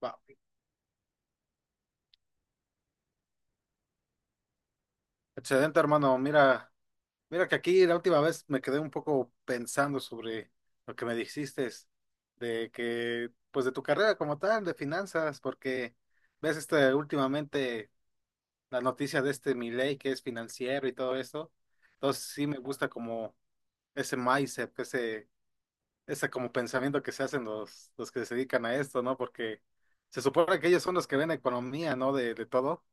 Va, excelente, hermano. Mira que aquí la última vez me quedé un poco pensando sobre lo que me dijiste de que de tu carrera como tal, de finanzas, porque ves últimamente la noticia de este Milei, que es financiero y todo eso. Entonces sí me gusta como ese mindset, ese como pensamiento que se hacen los que se dedican a esto, ¿no? Porque se supone que ellos son los que ven economía, ¿no? De todo.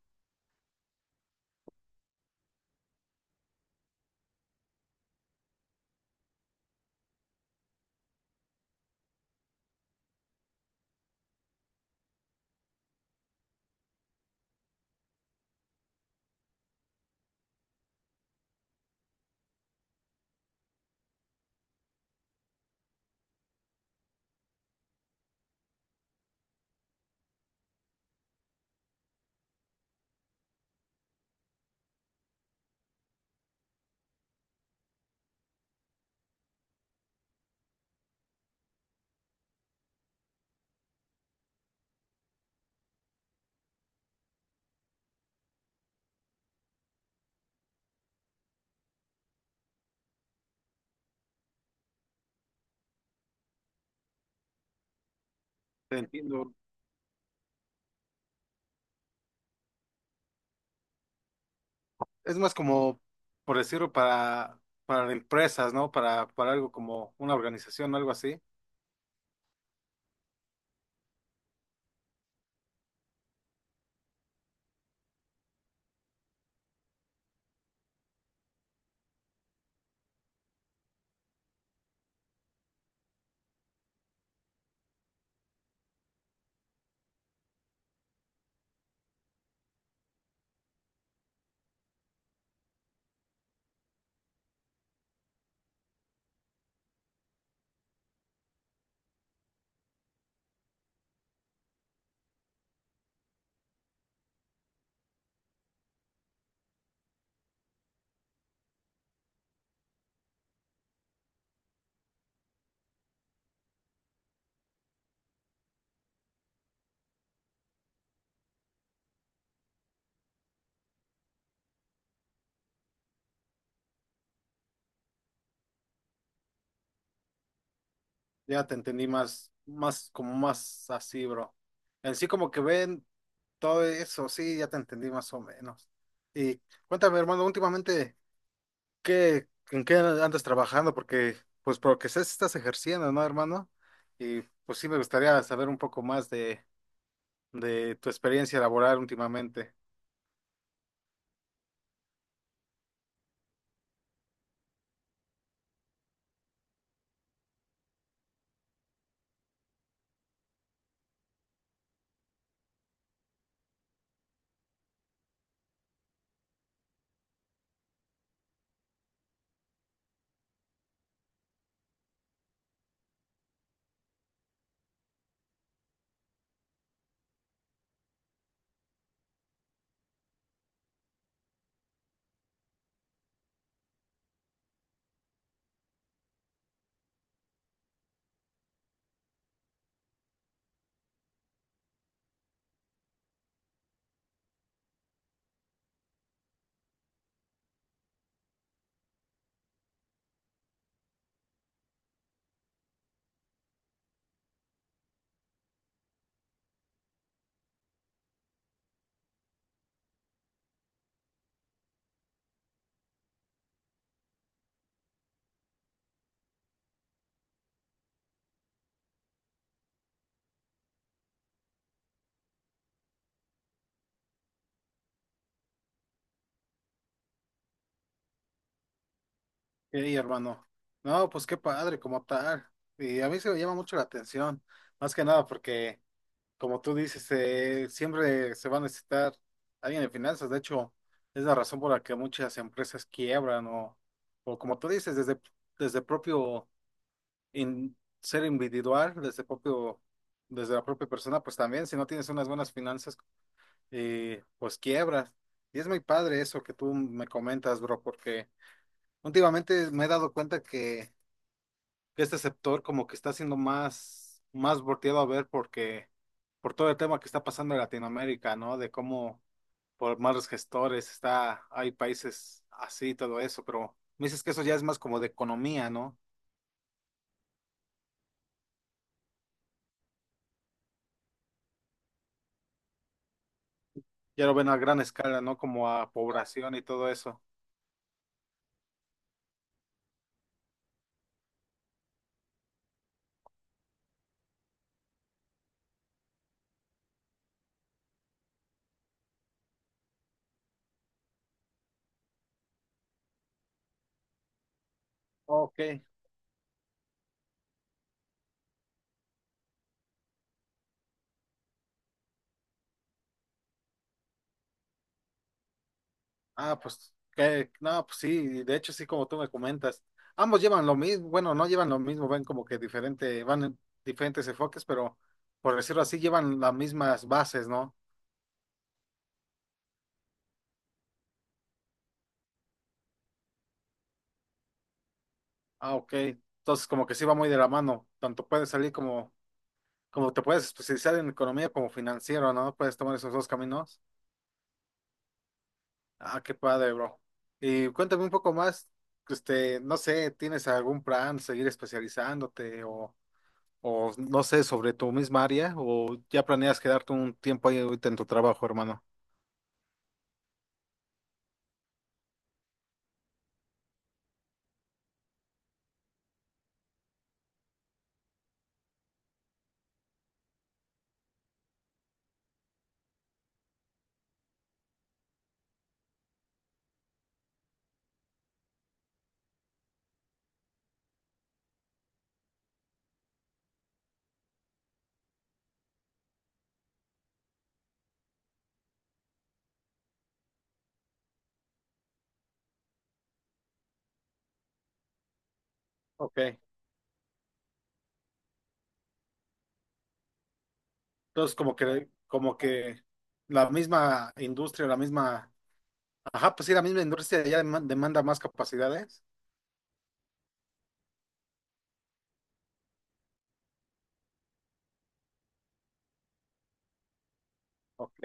Entiendo. Es más como, por decirlo, para empresas, ¿no? Para algo como una organización o algo así. Ya te entendí más, como más así, bro. En sí como que ven todo eso, sí, ya te entendí más o menos. Y cuéntame, hermano, últimamente, ¿qué, en qué andas trabajando? Porque, pues, por lo que sé, sí estás ejerciendo, ¿no, hermano? Y pues sí me gustaría saber un poco más de tu experiencia laboral últimamente. Ey, hermano. No, pues qué padre, como tal. Y a mí se me llama mucho la atención, más que nada porque, como tú dices, siempre se va a necesitar alguien de finanzas. De hecho, es la razón por la que muchas empresas quiebran o como tú dices, desde propio in- ser individual, desde propio, desde la propia persona, pues también, si no tienes unas buenas finanzas, pues quiebras. Y es muy padre eso que tú me comentas, bro, porque últimamente me he dado cuenta que este sector como que está siendo más volteado a ver porque por todo el tema que está pasando en Latinoamérica, ¿no? De cómo por malos gestores está, hay países así, todo eso, pero me dices que eso ya es más como de economía, ¿no? Ya lo ven a gran escala, ¿no? Como a población y todo eso. Ok. Ah, pues, que, no, pues sí, de hecho sí, como tú me comentas. Ambos llevan lo mismo, bueno, no llevan lo mismo, ven como que diferente, van en diferentes enfoques, pero por decirlo así, llevan las mismas bases, ¿no? Ah, ok. Entonces, como que sí va muy de la mano. Tanto puedes salir como, como te puedes especializar en economía como financiero, ¿no? Puedes tomar esos dos caminos. Ah, qué padre, bro. Y cuéntame un poco más, este, no sé, ¿tienes algún plan, seguir especializándote o no sé, sobre tu misma área o ya planeas quedarte un tiempo ahí ahorita en tu trabajo, hermano? Ok. Entonces, como que la misma industria, la misma... Ajá, pues sí, la misma industria ya demanda más capacidades. Ok.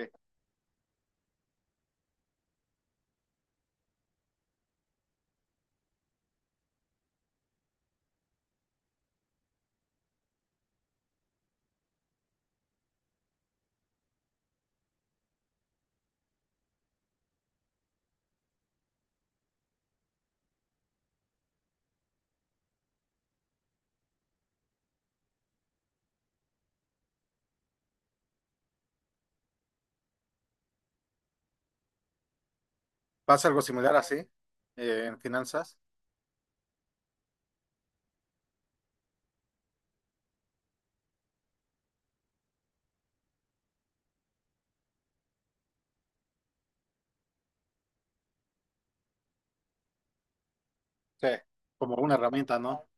Pasa algo similar así en finanzas. Sí. Como una herramienta, ¿no?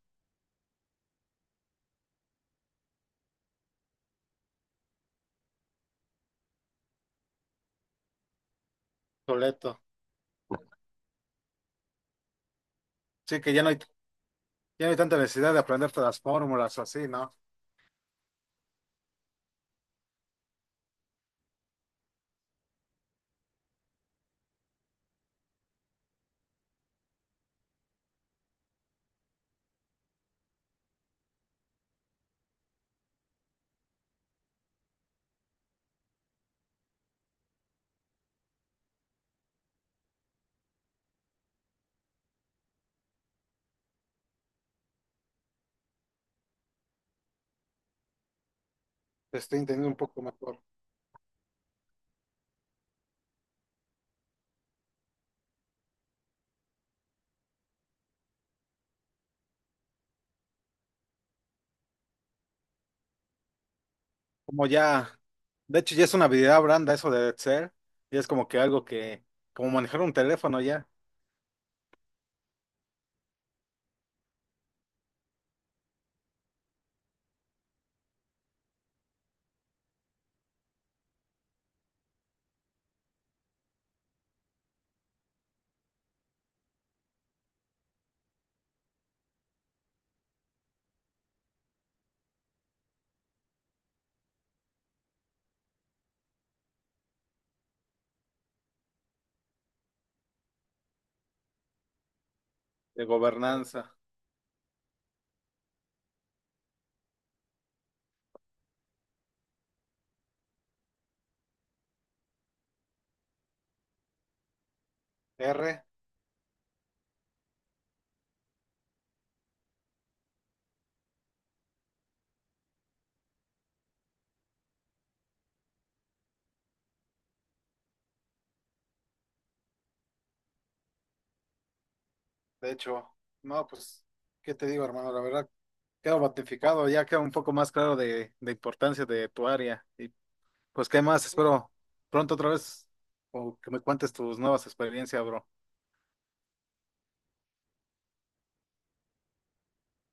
Soleto. Sí, que ya no hay tanta necesidad de aprender todas las fórmulas o así, ¿no? Te estoy entendiendo un poco mejor. Como ya, de hecho ya es una habilidad blanda eso de Excel. Y es como que algo que, como manejar un teléfono ya. De gobernanza. R. De hecho, no, pues, ¿qué te digo, hermano? La verdad, quedo batificado, ya queda un poco más claro de importancia de tu área. Y pues, ¿qué más? Espero pronto otra vez o que me cuentes tus nuevas experiencias, bro.